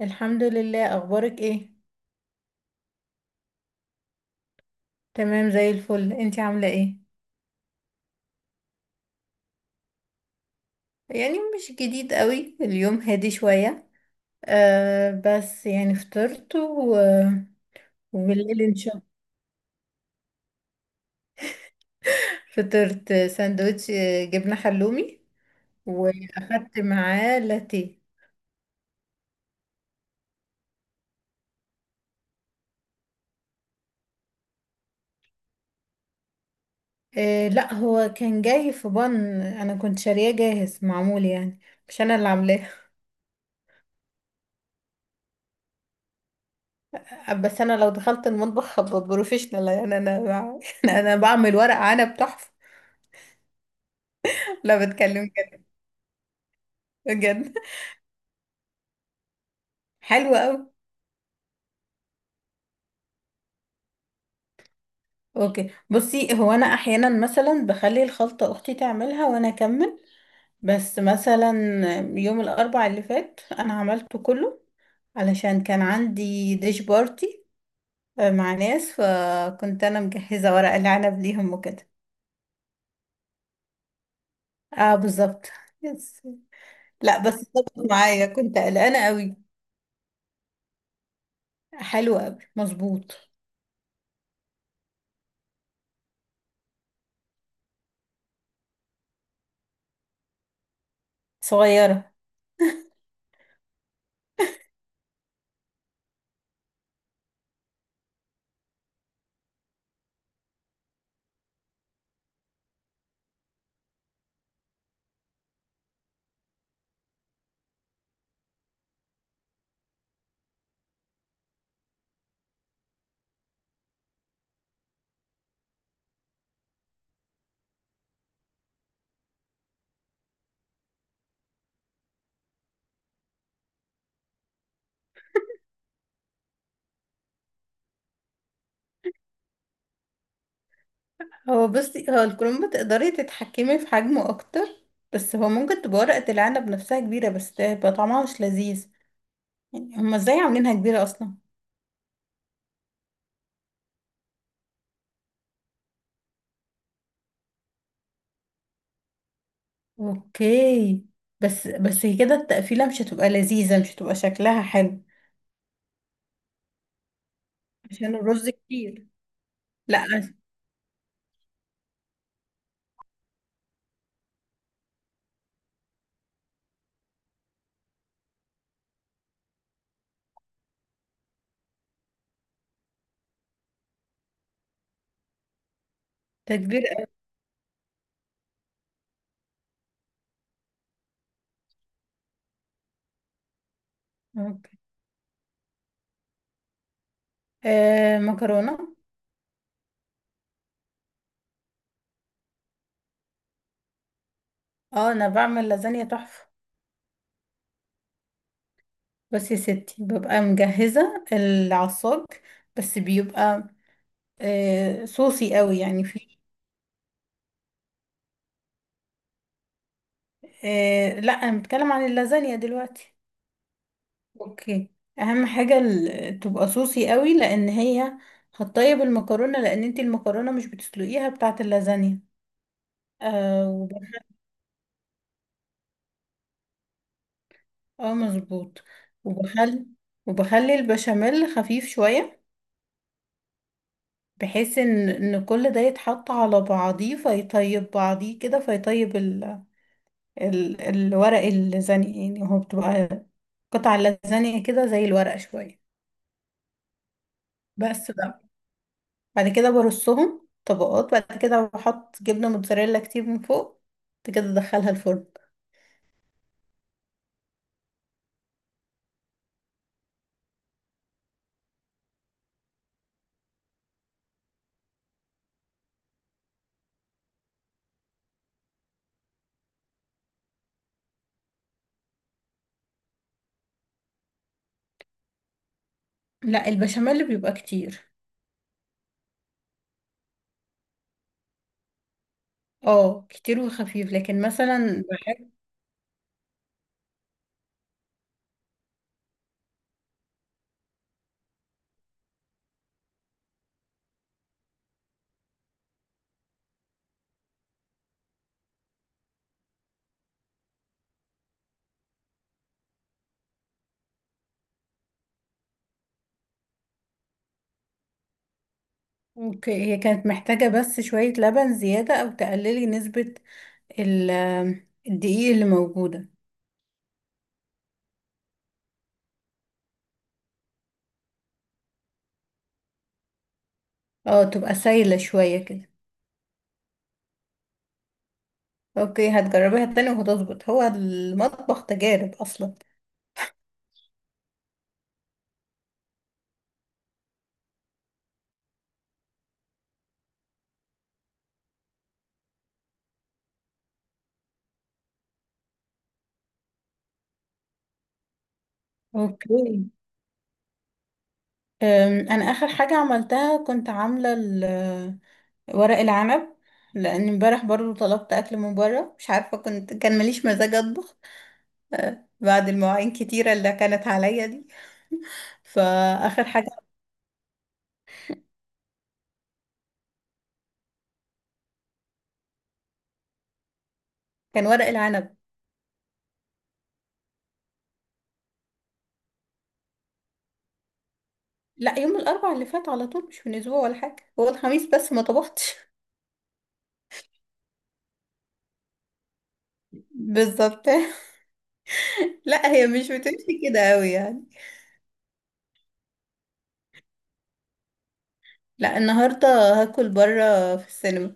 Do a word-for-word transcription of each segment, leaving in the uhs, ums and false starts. الحمد لله، اخبارك ايه؟ تمام زي الفل، انتي عامله ايه؟ يعني مش جديد قوي اليوم، هادي شويه. آه بس يعني فطرت و... وبالليل ان شاء الله. فطرت ساندوتش آه، جبنه حلومي، واخدت معاه لاتيه. آه لا، هو كان جاي في بن، انا كنت شارياه جاهز معمول يعني، مش انا اللي عاملاه. بس انا لو دخلت المطبخ هبقى بروفيشنال يعني، انا بع- انا بعمل ورق عنب تحفه. لا، بتكلم جد. بجد. حلو قوي. اوكي، بصي، هو انا احيانا مثلا بخلي الخلطه اختي تعملها وانا اكمل، بس مثلا يوم الاربع اللي فات انا عملته كله، علشان كان عندي ديش بارتي، آه، مع ناس، فكنت انا مجهزه ورق العنب ليهم وكده. اه بالظبط. يس. لا بس ظبط معايا، كنت قلقانه قوي. حلو قوي، مظبوط. صغيره. هو بصي، هو الكروم تقدري تتحكمي في حجمه اكتر، بس هو ممكن تبقى ورقة العنب نفسها كبيرة بس تبقى طعمها مش لذيذ. يعني هما ازاي عاملينها كبيرة اصلا؟ اوكي، بس بس هي كده التقفيلة مش هتبقى لذيذة، مش هتبقى شكلها حلو. عشان الرز كتير. لا، ده كبير أوي. اوكي. آه، مكرونة. اه انا بعمل لازانيا تحفة. بس يا ستي، ببقى مجهزة العصاج، بس بيبقى آه صوصي قوي يعني في... آه لا، انا بتكلم عن اللازانيا دلوقتي. اوكي، اهم حاجه ال- تبقى صوصي قوي، لان هي هتطيب المكرونه، لان انت المكرونه مش بتسلقيها بتاعه اللازانيا. آه وب... اه مظبوط. وبخل وبخلي البشاميل خفيف شويه، بحيث ان ان كل ده يتحط على بعضيه فيطيب بعضيه كده، فيطيب ال... ال... الورق اللازانيا يعني، هو بتبقى قطع اللازانيا كده زي الورق شويه. بس بقى بعد كده برصهم طبقات، بعد كده بحط جبنة موتزاريلا كتير من فوق، بعد كده ادخلها الفرن. لا، البشاميل بيبقى كتير. اه كتير وخفيف، لكن مثلا بحب. ك- هي كانت محتاجة بس شوية لبن زيادة او تقللي نسبة ال- الدقيق اللي موجودة. اه تبقى سايلة شوية كده. اوكي هتجربيها تاني وهتظبط، هو المطبخ تجارب اصلا. اوكي. أم، انا اخر حاجه عملتها كنت عامله ال- ورق العنب، لان امبارح برضو طلبت اكل من بره، مش عارفه كنت كان ماليش مزاج اطبخ، أه، بعد المواعين كتيره اللي كانت عليا دي. فاخر حاجه كان ورق العنب. لا يوم الاربع اللي فات على طول، مش من اسبوع ولا حاجه، هو الخميس بس ما طبختش. بالظبط. لا هي مش بتمشي كده قوي يعني. لا النهارده هاكل بره في السينما.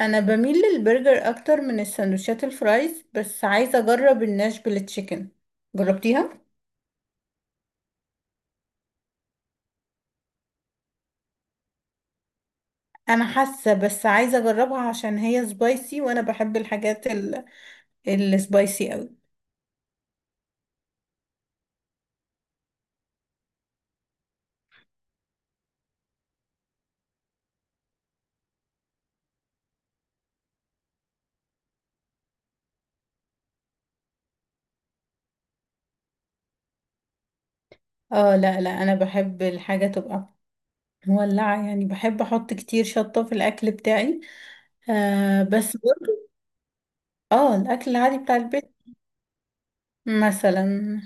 انا بميل للبرجر اكتر من السندوتشات الفرايز، بس عايزه اجرب الناشفيل تشيكن. جربتيها؟ انا حاسه، بس عايزه اجربها عشان هي سبايسي، وانا بحب الحاجات ال- السبايسي قوي. اه لا لا، انا بحب الحاجه تبقى مولعه يعني، بحب احط كتير شطه في الاكل بتاعي. آه بس برضه اه الاكل العادي بتاع البيت مثلا.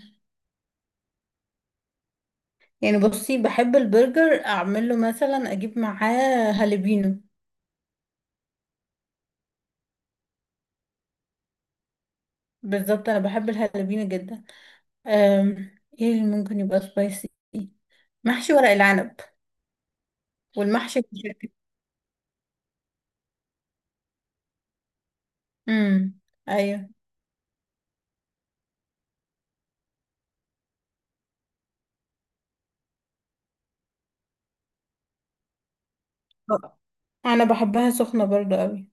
يعني بصي، بحب البرجر اعمله مثلا اجيب معاه هالبينو. بالظبط، انا بحب الهالبينو جدا. أم، ايه اللي ممكن يبقى سبايسي؟ محشي ورق العنب والمحشي المشكل. امم. ايوه. انا بحبها سخنه برضو قوي.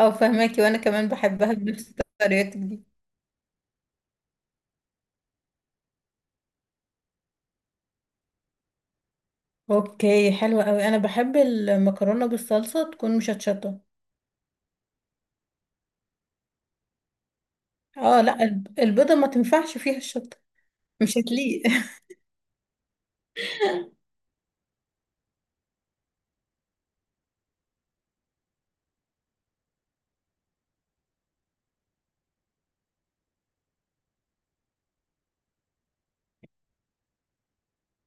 او فهماكي، وانا كمان بحبها بنفس طريقتك دي. اوكي حلوه قوي، انا بحب المكرونه بالصلصه تكون مشطشطه. اه لا، الب- البيضه ما تنفعش فيها الشطه، مش هتليق.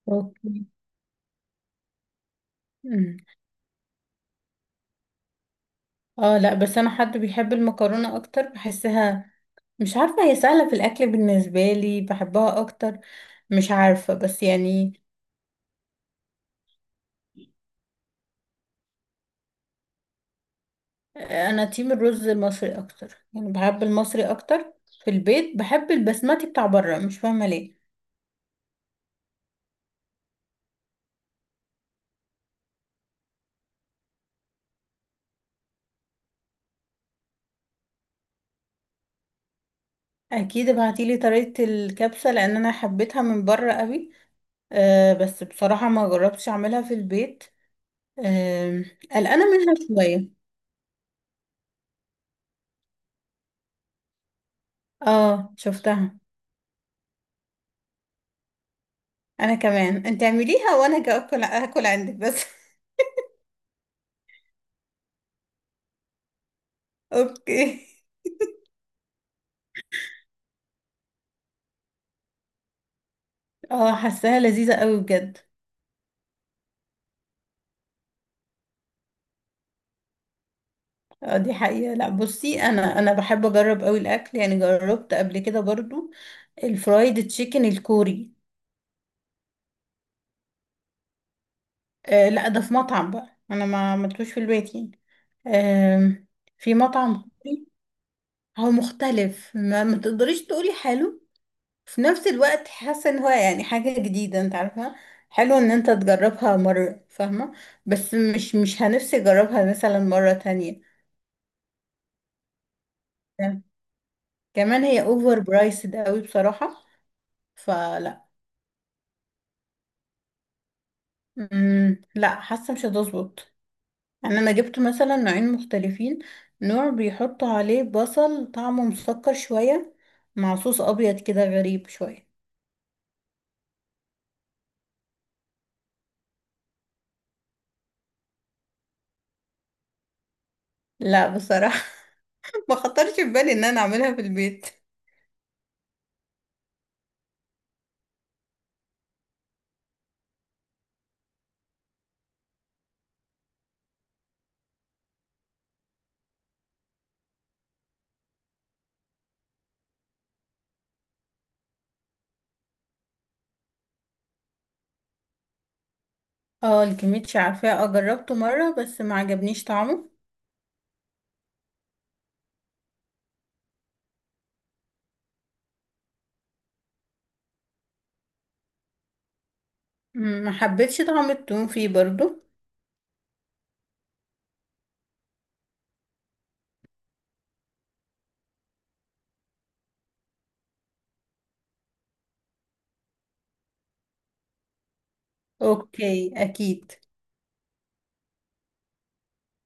اوكي. امم. اه لا، بس انا حد بيحب المكرونه اكتر بحسها، مش عارفه، هي سهله في الاكل بالنسبه لي، بحبها اكتر، مش عارفة بس يعني. أنا تيم الرز المصري أكتر، يعني بحب المصري أكتر، في البيت بحب البسمتي بتاع بره، مش فاهمة ليه. أكيد ابعتيلي طريقة الكبسة، لأن أنا حبيتها من بره قوي، أه بس بصراحة ما جربتش أعملها في البيت. آم، قلقانة منها شوية. اه شفتها. أنا كمان، أنت اعمليها وأنا هاجي أكل أكل عندك بس. أوكي. اه حاساها لذيذة قوي بجد. اه دي حقيقة، لا بصي، انا انا بحب اجرب قوي الاكل، يعني جربت قبل كده برضو الفرايد تشيكن الكوري. آه لا، ده في مطعم بقى، انا ما عملتوش في البيت يعني. آه في مطعم كوري. هو مختلف، ما, ما تقدريش تقولي حلو، في نفس الوقت حاسة ان هو يعني حاجة جديدة، انت عارفة، حلو ان انت تجربها مرة، فاهمة؟ بس مش مش هنفسي اجربها مثلا مرة تانية. كمان هي اوفر برايسد قوي بصراحة، فلا. امم لا، حاسه مش هتظبط. يعني انا جبت مثلا نوعين مختلفين، نوع بيحطوا عليه بصل طعمه مسكر شويه، مع صوص ابيض كده غريب شويه. لا بصراحه. ما خطرش في بالي ان انا اعملها في البيت. اه الكميتش عارفاه، اه جربته مره بس ما عجبنيش طعمه. مم، ما حبيتش طعم التوم فيه برضو. اوكي اكيد.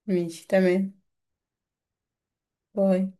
ماشي تمام. باي.